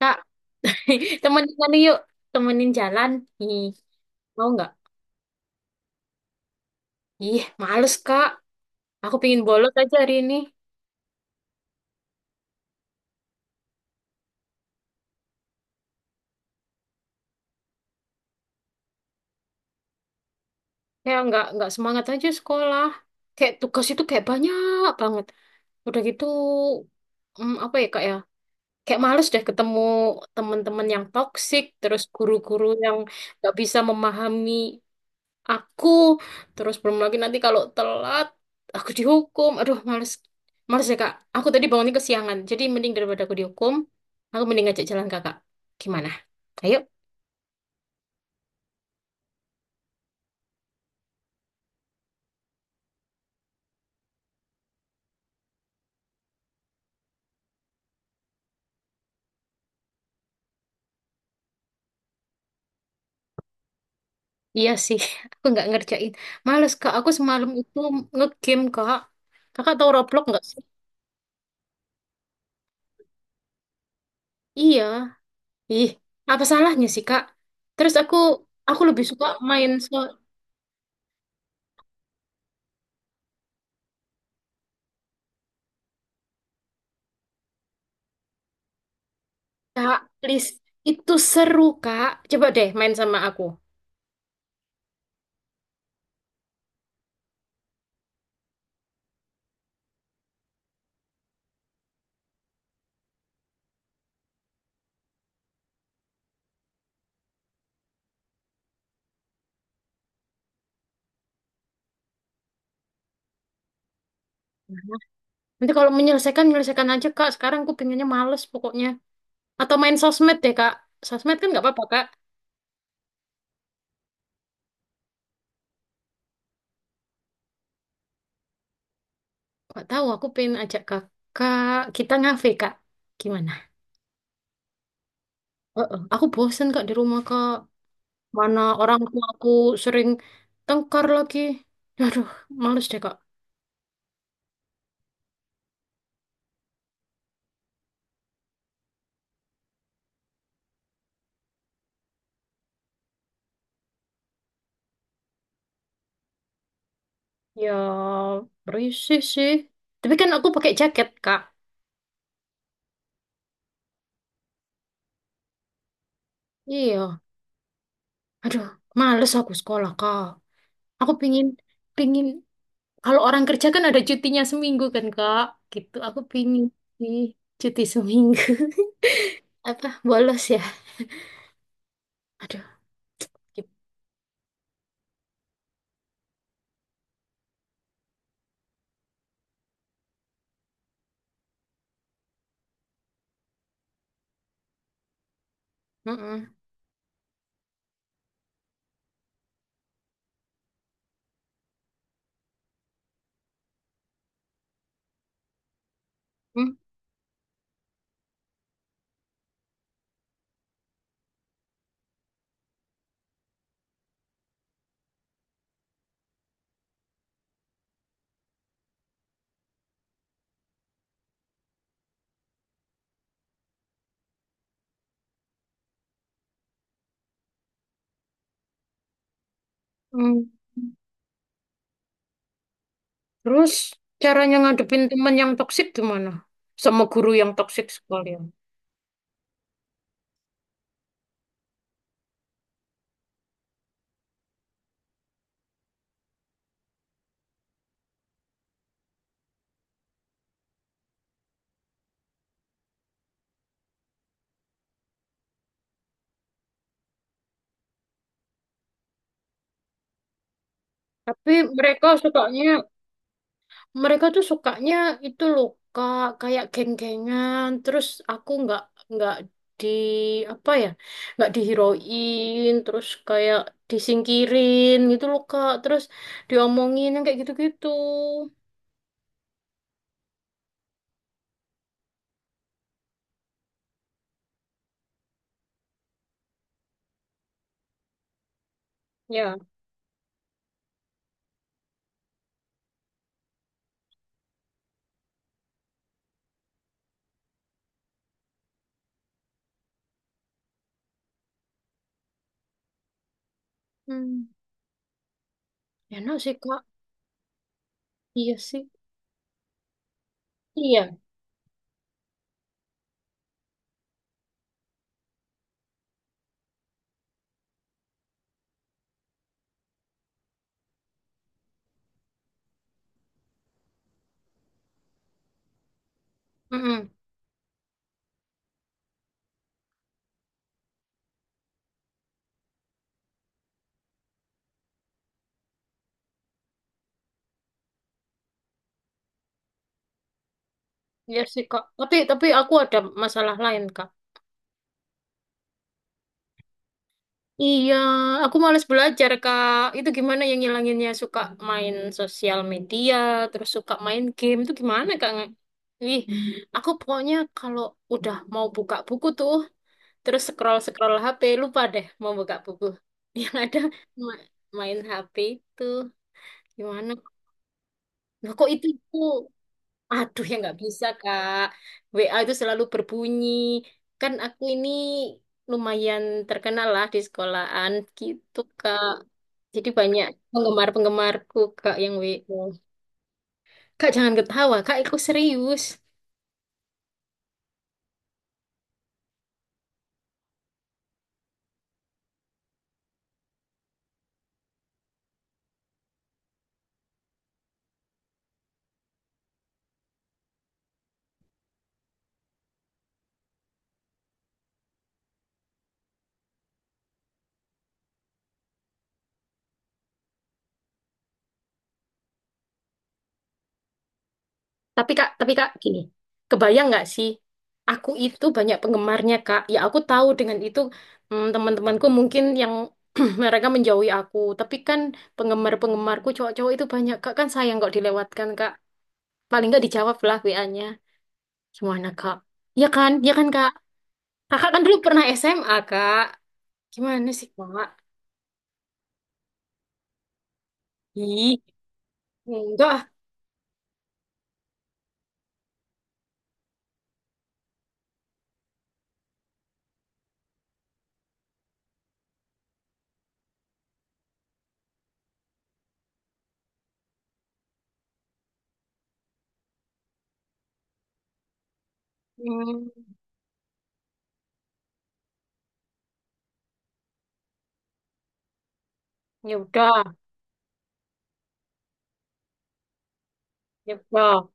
Kak, temenin mana yuk. Temenin jalan. Ih, mau nggak? Ih, males, Kak. Aku pingin bolos aja hari ini. Kayak nggak semangat aja sekolah. Kayak tugas itu kayak banyak banget. Udah gitu, apa ya, Kak ya? Kayak males deh ketemu teman-teman yang toksik, terus guru-guru yang nggak bisa memahami aku, terus belum lagi nanti kalau telat aku dihukum. Aduh, males males ya Kak, aku tadi bangunnya kesiangan, jadi mending daripada aku dihukum, aku mending ngajak jalan kakak. Gimana, ayo? Iya sih, aku nggak ngerjain. Males Kak, aku semalam itu ngegame Kak. Kakak tahu Roblox nggak sih? Iya. Ih, apa salahnya sih Kak? Terus aku lebih suka main. So Kak please, itu seru Kak, coba deh main sama aku. Nanti kalau menyelesaikan, menyelesaikan aja, Kak. Sekarang aku pinginnya males pokoknya. Atau main sosmed deh, Kak. Sosmed kan nggak apa-apa, Kak. Nggak tahu, aku pengen ajak kakak. Kita ngafe, Kak. Gimana? Oh, oh. Aku bosen, Kak, di rumah, Kak. Mana orang tua aku sering tengkar lagi. Aduh, males deh, Kak. Ya, berisik sih. Tapi kan aku pakai jaket, Kak. Iya. Aduh, males aku sekolah, Kak. Aku pingin, pingin. Kalau orang kerja kan ada cutinya seminggu kan Kak. Gitu, aku pingin sih cuti seminggu. Apa, bolos ya? Aduh, gitu. Mm-mm. Mm-mm. Terus caranya ngadepin teman yang toksik gimana? Sama guru yang toksik sekalian. Tapi mereka sukanya mereka tuh sukanya itu loh Kak, kayak geng-gengan. Terus aku nggak di, apa ya, nggak dihiroin, terus kayak disingkirin gitu loh Kak, terus diomongin yang kayak gitu-gitu. Ya. Hmm. Enak sih Kak. Iya sih. Iya. Mm. Iya sih Kak, tapi aku ada masalah lain Kak. Iya, aku males belajar, Kak. Itu gimana yang ngilanginnya? Suka main sosial media, terus suka main game. Itu gimana, Kak? Ih, aku pokoknya kalau udah mau buka buku tuh, terus scroll-scroll HP, lupa deh mau buka buku. Yang ada ma- main HP itu. Gimana? Nah, kok itu aku... Aduh, ya nggak bisa, Kak. WA itu selalu berbunyi. Kan aku ini lumayan terkenal lah di sekolahan gitu, Kak. Jadi banyak penggemar-penggemarku Kak yang WO. Kak jangan ketawa, Kak aku serius. Tapi Kak gini. Kebayang nggak sih? Aku itu banyak penggemarnya Kak. Ya aku tahu dengan itu, mm, teman-temanku mungkin yang mereka menjauhi aku. Tapi kan penggemar-penggemarku cowok-cowok itu banyak Kak. Kan sayang kok dilewatkan Kak. Paling nggak dijawab lah WA-nya. Gimana Kak? Ya kan? Ya kan Kak? Kakak kan dulu pernah SMA Kak. Gimana sih Kak? Ih, enggak. Ah. Hmm. Ya udah, ya udah,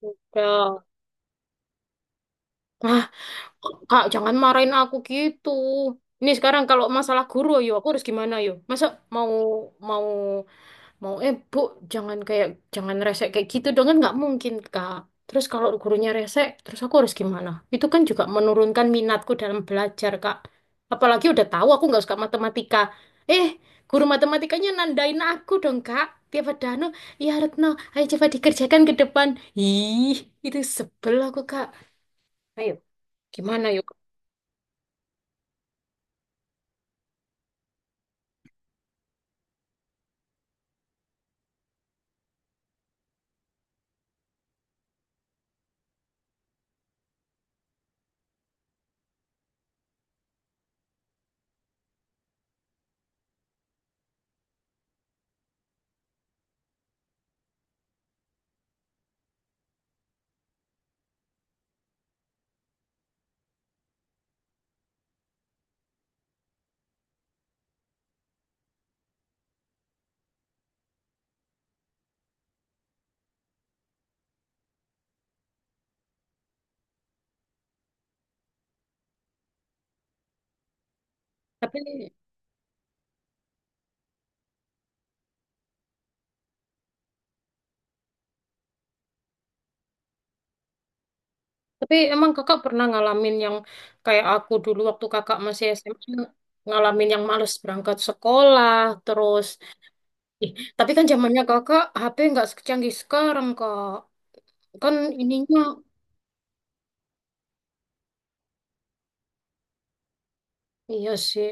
ya udah. Ah, Kak, jangan marahin aku gitu. Ini sekarang kalau masalah guru, yo aku harus gimana yo? Masa mau mau mau eh bu, jangan kayak, jangan rese kayak gitu dong, kan nggak mungkin Kak. Terus kalau gurunya rese, terus aku harus gimana? Itu kan juga menurunkan minatku dalam belajar Kak. Apalagi udah tahu aku nggak suka matematika, eh, guru matematikanya nandain aku dong Kak. Tiap ada anu, ya Retno, ayo coba dikerjakan ke depan. Ih, itu sebel aku Kak. Ayo gimana, yuk? tapi Tapi emang kakak pernah ngalamin yang kayak aku dulu waktu kakak masih SMA, ngalamin yang males berangkat sekolah terus? Ih, tapi kan zamannya kakak HP nggak secanggih sekarang Kak, kan ininya. Iya sih,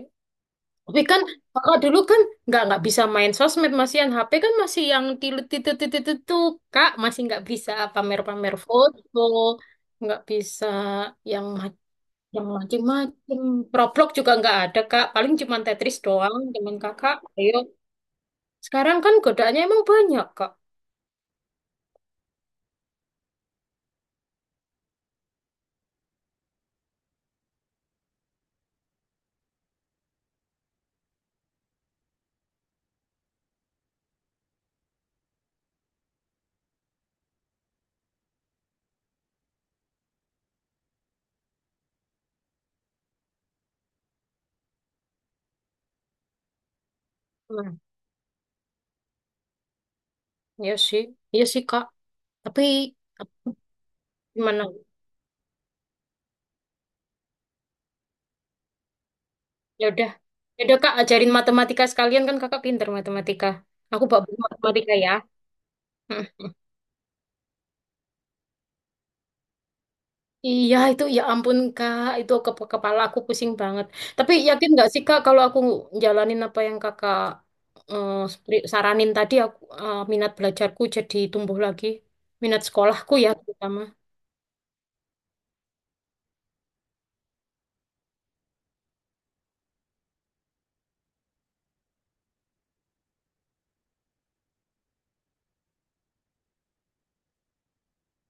tapi kan kakak dulu kan nggak bisa main sosmed, masih yang HP kan masih yang tilu titu titu titu, Kak masih nggak bisa pamer-pamer foto, nggak bisa yang yang macem-macem. Roblox juga nggak ada, Kak. Paling cuma Tetris doang teman kakak. Ayo. Sekarang kan godaannya emang banyak, Kak. Hmm, iya sih. Iya sih, Kak. Tapi ap- gimana? Ya udah. Ya udah, Kak, ajarin matematika sekalian, kan kakak pinter matematika. Aku bawa matematika ya. Iya itu ya ampun Kak, itu ke kepala aku pusing banget. Tapi yakin nggak sih Kak kalau aku jalanin apa yang kakak saranin tadi, aku, minat belajarku jadi tumbuh lagi, minat sekolahku ya terutama.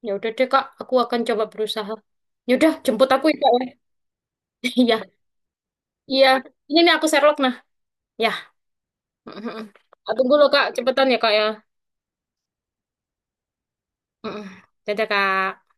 Ya udah deh Kak, aku akan coba berusaha. Ya udah, jemput aku ya Kak ya. Iya, iya, ini nih aku Sherlock nah ya. Aku tunggu loh Kak, cepetan ya Kak ya. Mm. Dadah Kak.